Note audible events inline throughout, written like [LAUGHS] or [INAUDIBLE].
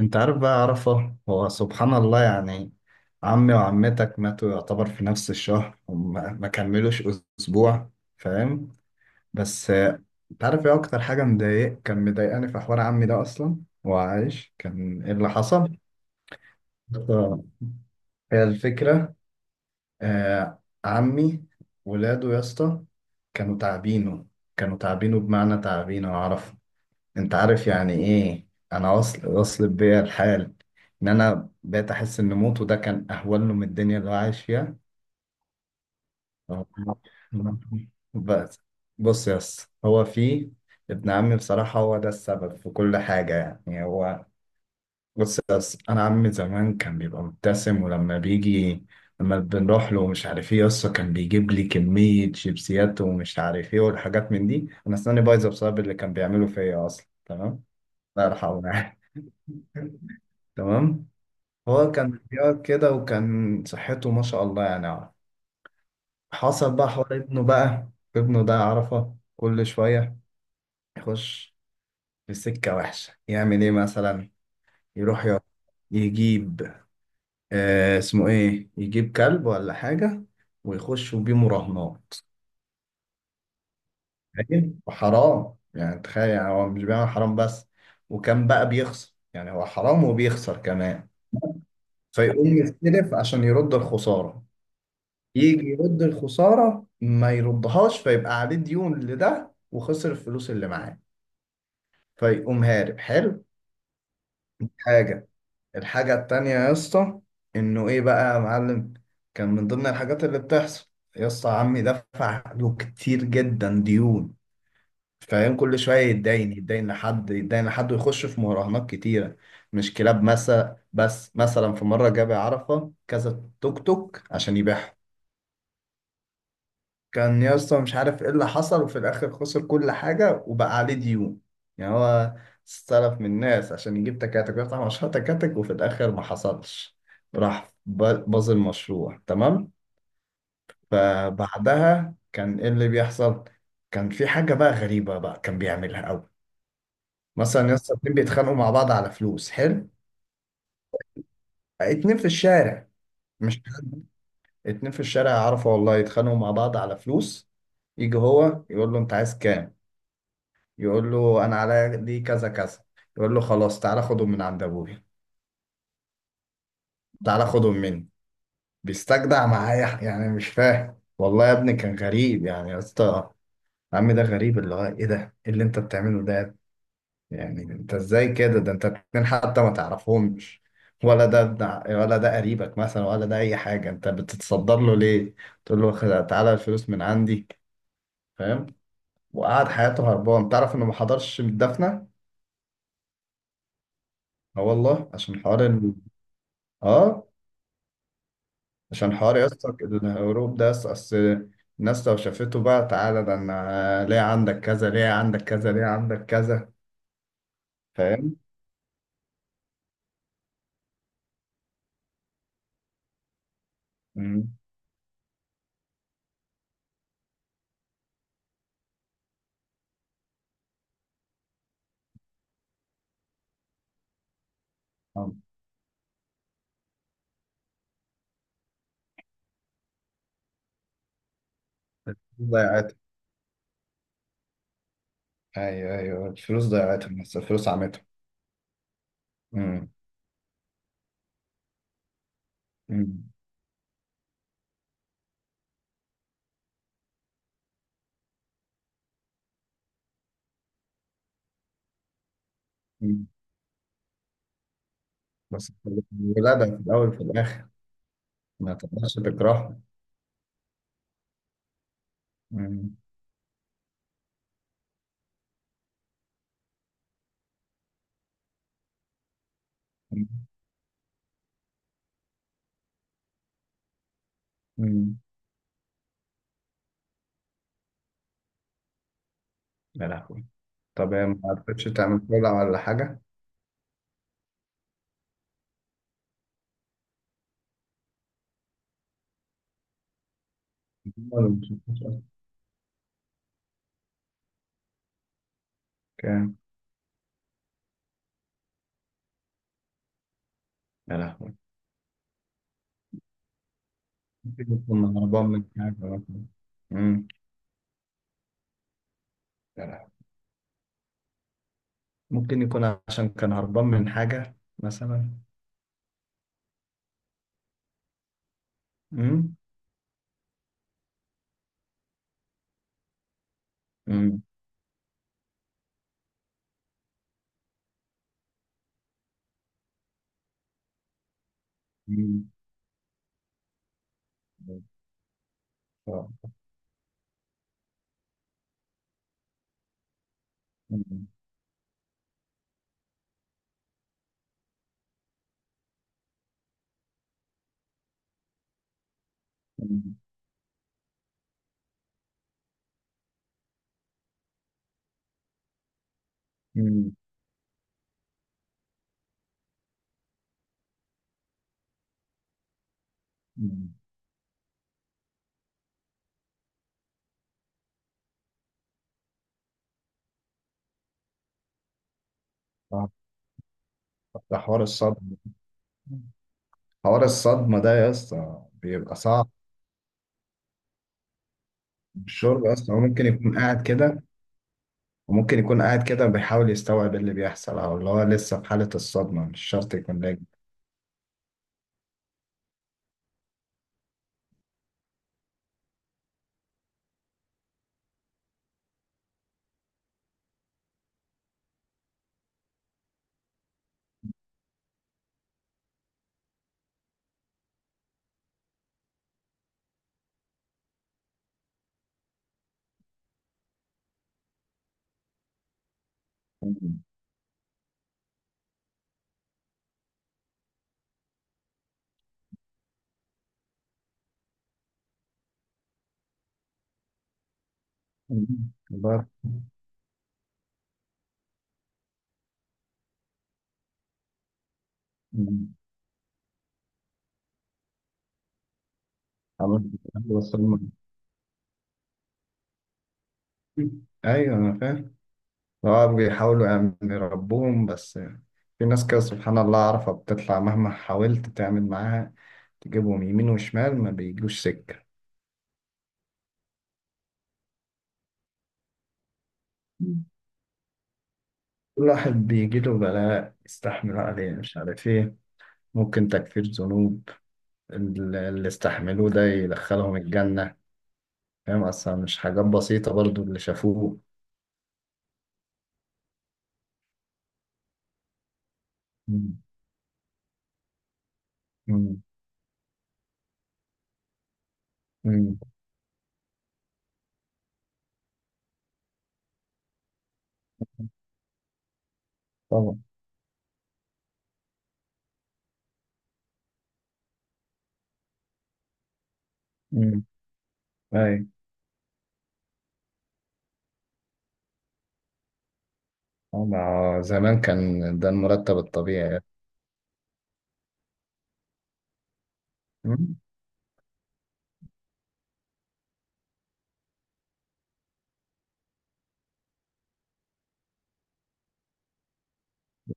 انت عارف بقى عرفة، هو سبحان الله يعني. عمي وعمتك ماتوا يعتبر في نفس الشهر، وما ما كملوش اسبوع. فاهم؟ بس انت عارف ايه اكتر حاجة مضايق كان مضايقاني في حوار عمي ده اصلا؟ هو عايش، كان ايه اللي حصل؟ آه، هي الفكرة. آه عمي، ولاده يا اسطى كانوا تعبينه، كانوا تعبينه بمعنى تعبينه عرفة. انت عارف يعني ايه؟ انا وصل بيا الحال ان انا بقيت احس ان موته ده كان اهون له من الدنيا اللي هو عايش فيها. [LAUGHS] أهو. بس بص يا اسطى، هو في ابن عمي، بصراحة هو ده السبب في كل حاجة. يعني هو، بص يا اسطى، انا عمي زمان كان بيبقى مبتسم، ولما بيجي لما بنروح له ومش عارف ايه يا اسطى كان بيجيب لي كمية شيبسيات ومش عارف ايه والحاجات من دي. انا اسناني بايظة بسبب اللي كان بيعمله فيا اصلا، تمام؟ الله يرحمه. يعني تمام. هو كان بيقعد كده وكان صحته ما شاء الله يعني. حصل بقى حوار ابنه بقى. ابنه ده عرفه كل شوية يخش في سكة وحشة. يعمل ايه مثلا؟ يروح يقعد، يجيب، آه اسمه ايه، يجيب كلب ولا حاجة ويخشوا بيه مراهنات. فاهم؟ وحرام يعني، تخيل، يعني هو مش بيعمل حرام بس، وكان بقى بيخسر. يعني هو حرام وبيخسر كمان. فيقوم يستلف عشان يرد الخسارة، يجي يرد الخسارة ما يردهاش، فيبقى عليه ديون لده وخسر الفلوس اللي معاه، فيقوم هارب. حلو. حاجة، الحاجة التانية يا اسطى، انه ايه بقى يا معلم، كان من ضمن الحاجات اللي بتحصل يا اسطى، عمي دفع له كتير جدا ديون. فاهم؟ كل شوية يتداين، يتداين لحد، يتداين لحد، ويخش في مراهنات كتيرة. مش كلاب مثلا بس، مثلا في مرة جاب عرفة كذا توك توك عشان يبيعهم. كان يا اسطى مش عارف ايه اللي حصل، وفي الاخر خسر كل حاجه وبقى عليه ديون. يعني هو استلف من الناس عشان يجيب تكاتك ويفتح مشروع تكاتك، وفي الاخر ما حصلش. راح ب- باظ المشروع، تمام. فبعدها كان ايه اللي بيحصل؟ كان في حاجه بقى غريبه بقى كان بيعملها قوي. مثلا يا اسطى اتنين بيتخانقوا مع بعض على فلوس، حلو؟ اتنين في الشارع، مش حد، اتنين في الشارع يعرفوا والله، يتخانقوا مع بعض على فلوس، يجي هو يقول له انت عايز كام؟ يقول له انا عليا دي كذا كذا. يقول له خلاص تعالى خدهم من عند ابويا، تعالى خدهم مني. بيستجدع معايا [LAUGHS] يعني مش فاهم والله يا ابني، كان غريب يعني يا اسطى. عمي ده غريب، اللي هو ايه ده؟ ايه اللي انت بتعمله ده؟ يعني انت ازاي كده؟ ده انت اتنين حتى ما تعرفهمش، ولا ده ابن ولا ده قريبك مثلا ولا ده اي حاجه، انت بتتصدر له ليه؟ تقول له تعالى الفلوس من عندي. فاهم؟ وقعد حياته هربان. تعرف انه ما حضرش الدفنه؟ اه والله، عشان حوار ال... اه عشان حوار يا اسطى، الهروب ده اصل الناس لو شافته بقى تعالى، ده انا ليه عندك كذا، ليه عندك كذا، ليه عندك كذا. فاهم؟ مم. آه. الفلوس ضيعتهم. ايوه ايوه، الفلوس ضيعتهم بس الفلوس عمتهم. مم. مم. مم. بس الولادة في الاول وفي الاخر ما تقدرش تكرههم. مم. مم. مم. يا لهوي. طب هي ما عرفتش تعمل كولا ولا حاجة؟ [LAUGHS] ولا ما شفتش أصلاً؟ كام؟ يا لهوي. ممكن يكون هربان من حاجة مثلاً. مم. يا لهوي. ممكن يكون عشان كان هربان من حاجة مثلا. مم؟ مم. مم. آه. مم. مم. مم. مم. آه. ده حوار الصدمة. حوار الصدمة ده يا اسطى بيبقى صعب. الشرب اصلا هو ممكن يكون قاعد كده، وممكن يكون قاعد كده بيحاول يستوعب اللي بيحصل، او اللي هو لسه في حالة الصدمة مش شرط يكون ناجي. مم. مم. الله. مم. عملت- وصلنا. ايوه انا فاهم. اه بيحاولوا يعني يربوهم بس في ناس كده سبحان الله، عارفة بتطلع مهما حاولت تعمل معاها، تجيبهم يمين وشمال ما بيجوش سكة. مم. كل واحد بيجيله بلاء يستحملوا عليه، مش عارف ايه. ممكن تكفير ذنوب اللي استحملوه ده يدخلهم الجنة. فاهم؟ أصلا مش حاجات بسيطة برضو اللي شافوه. مم. مم. مم. طبعا. مم. أي. طبعا آه، زمان كان ده المرتب الطبيعي.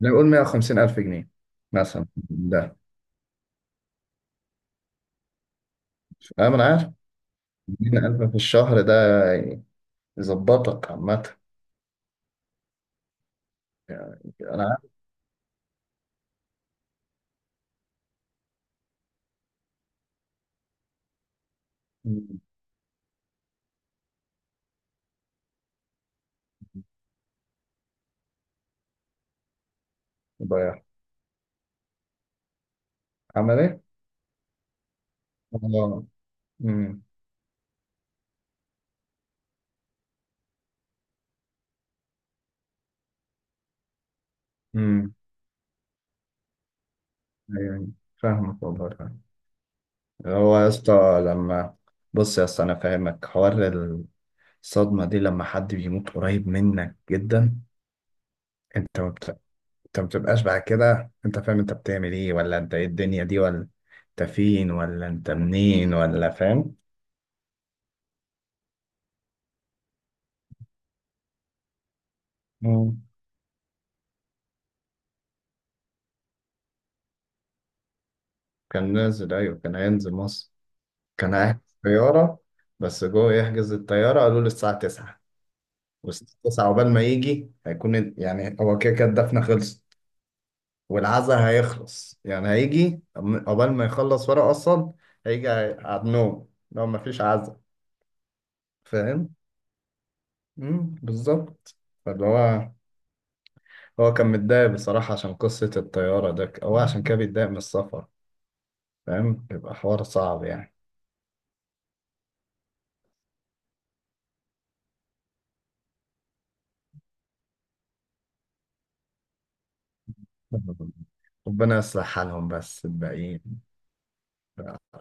نقول 150 ألف جنيه مثلا ده، أنا من عارف، 200 ألف في الشهر ده يظبطك عامة. يعني أنا عارف. ضيع. عمل إيه؟ آه. أمم. أمم. أيوه. فاهمك والله فاهم. هو يا اسطى لما، بص يا اسطى أنا فاهمك، حوار الصدمة دي لما حد بيموت قريب منك جدا، أنت ما بت... أنت ما بتبقاش بعد كده. أنت فاهم أنت بتعمل إيه؟ ولا أنت إيه الدنيا دي؟ ولا أنت فين؟ ولا أنت منين؟ ولا، فاهم؟ مم. كان نازل، ايوه كان هينزل مصر. كان قاعد في الطياره، بس جوه يحجز الطياره قالوا له الساعه 9، والساعه 9 عقبال ما يجي هيكون، يعني هو كده كده الدفنه خلصت والعزاء هيخلص، يعني هيجي عقبال ما يخلص ورق اصلا، هيجي على النوم لو ما فيش عزاء. فاهم؟ مم، بالظبط. فاللي هو، هو كان متضايق بصراحه عشان قصه الطياره ده، هو عشان كده بيتضايق من السفر. فاهم؟ بيبقى حوار صعب يعني. [LAUGHS] ربنا يصلح حالهم بس الباقيين. ف-